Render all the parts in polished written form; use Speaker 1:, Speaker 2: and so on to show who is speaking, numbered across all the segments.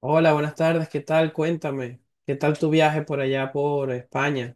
Speaker 1: Hola, buenas tardes, ¿qué tal? Cuéntame, ¿qué tal tu viaje por allá por España?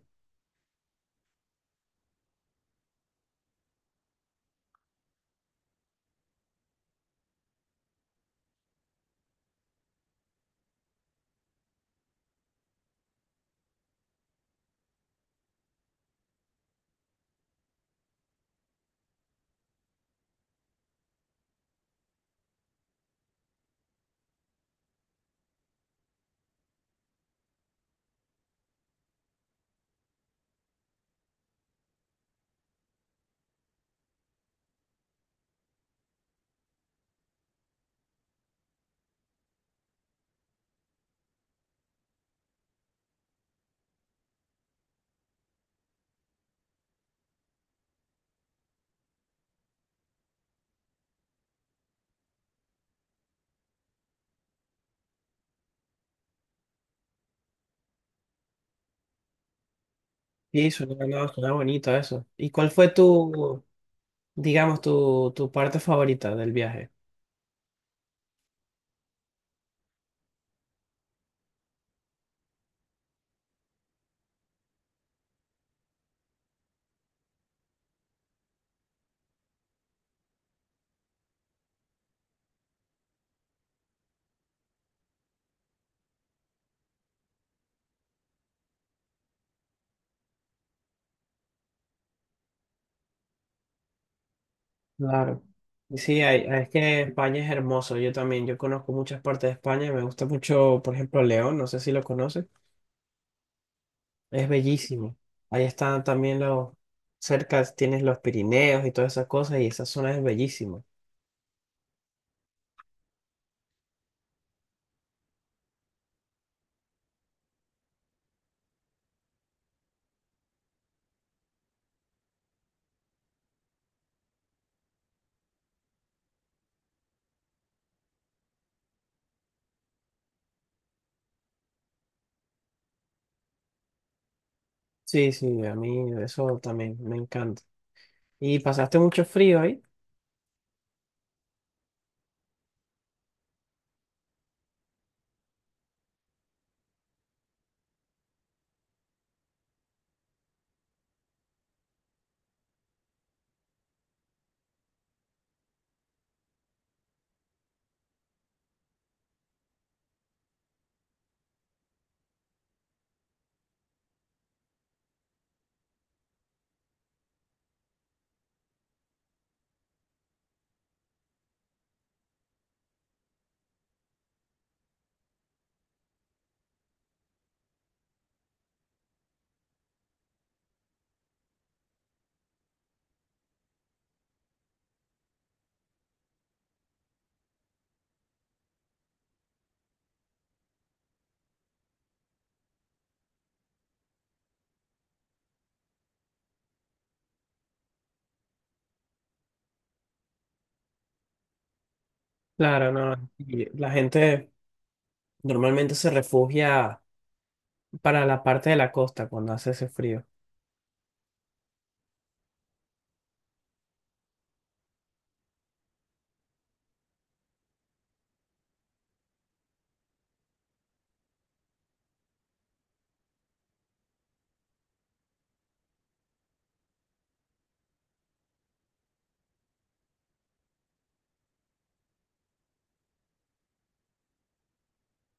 Speaker 1: Sí, suena, no, suena bonito eso. ¿Y cuál fue digamos, tu parte favorita del viaje? Claro. Sí, es que España es hermoso, yo también, yo conozco muchas partes de España, me gusta mucho, por ejemplo, León, no sé si lo conoces, es bellísimo. Ahí están también cerca tienes los Pirineos y todas esas cosas, y esa zona es bellísima. Sí, sí, a mí eso también me encanta. ¿Y pasaste mucho frío ahí? Claro, no. No, y la gente normalmente se refugia para la parte de la costa cuando hace ese frío.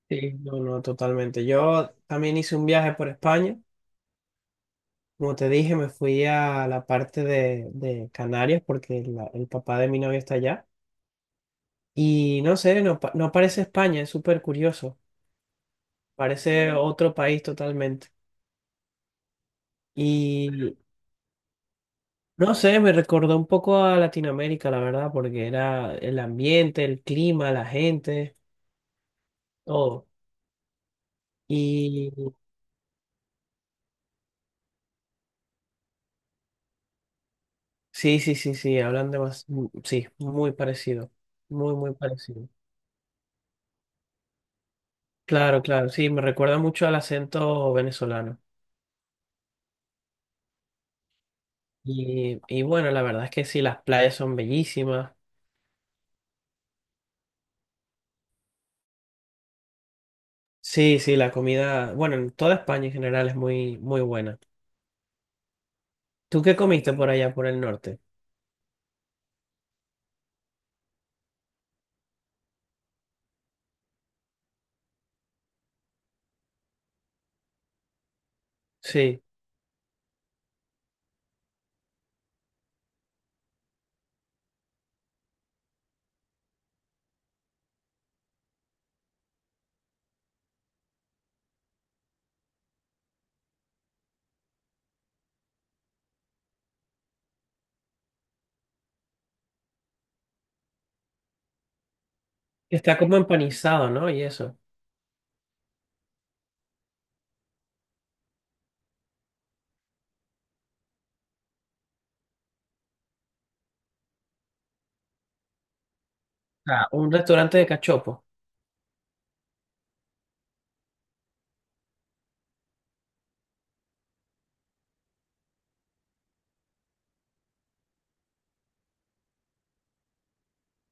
Speaker 1: Sí, no, no, totalmente. Yo también hice un viaje por España. Como te dije, me fui a la parte de, Canarias porque el papá de mi novia está allá. Y no sé, no, no parece España, es súper curioso. Parece otro país totalmente. Y no sé, me recordó un poco a Latinoamérica, la verdad, porque era el ambiente, el clima, la gente, todo. Y sí, sí, sí, sí, hablan de más, sí, muy parecido, muy, muy parecido. Claro, claro, sí, me recuerda mucho al acento venezolano. Y bueno, la verdad es que sí, las playas son bellísimas. Sí, sí, la comida, bueno, en toda España en general es muy, muy buena. ¿Tú qué comiste por allá, por el norte? Sí, está como empanizado, ¿no? Y eso. Ah, un restaurante de cachopo.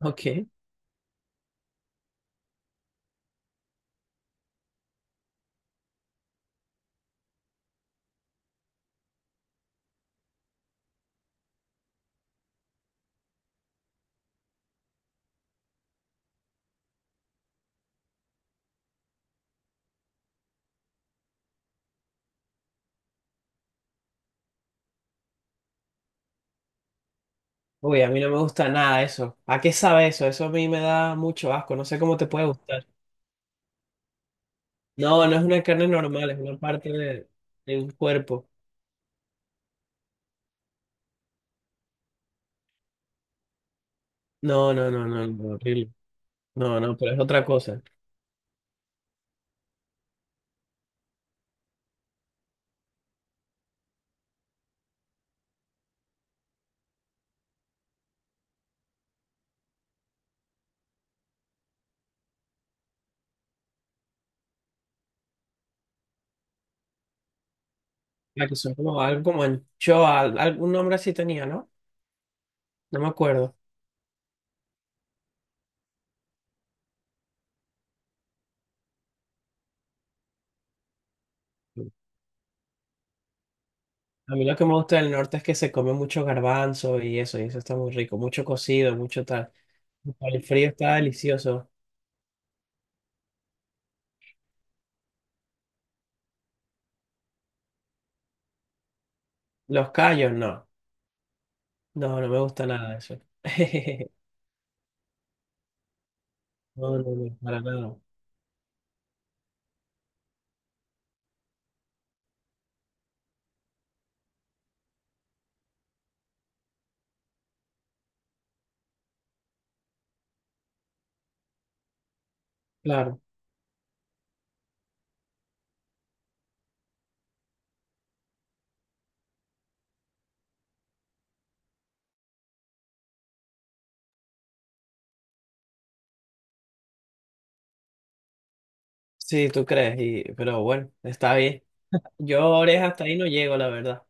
Speaker 1: Ok. Uy, a mí no me gusta nada eso. ¿A qué sabe eso? Eso a mí me da mucho asco. No sé cómo te puede gustar. No, no es una carne normal, es una parte de un cuerpo. No, no, no, no, no, horrible. No, no, pero es otra cosa. La que son como algo como anchoa, algún nombre así tenía, ¿no? No me acuerdo. A mí lo que me gusta del norte es que se come mucho garbanzo y eso está muy rico, mucho cocido, mucho tal. Para el frío está delicioso. Los callos, no. No, no me gusta nada de eso. No, no, no, para nada. Claro. Sí, tú crees, y, pero bueno, está bien. Yo oreja hasta ahí no llego, la verdad.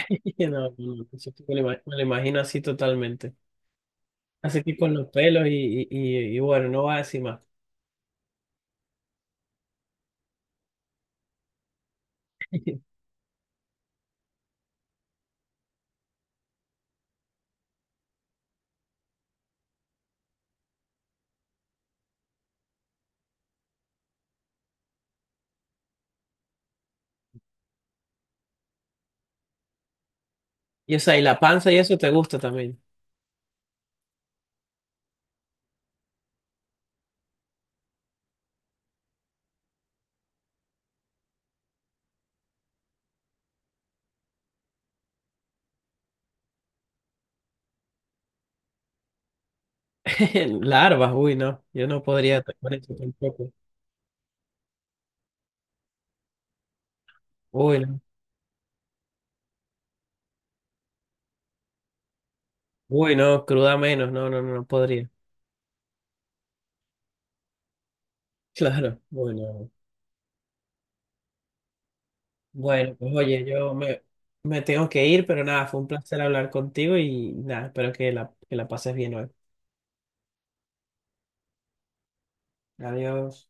Speaker 1: No, no, no, ese me lo imagino así totalmente. Así que con los pelos y bueno, no va a decir más. Y o sea, y la panza y eso te gusta también. Larvas, uy, no. Yo no podría con eso tampoco. Uy, no. Uy, no, cruda menos. No, no, no, no podría. Claro, bueno. Bueno, pues oye, me tengo que ir, pero nada, fue un placer hablar contigo y nada, espero que que la pases bien hoy. Adiós.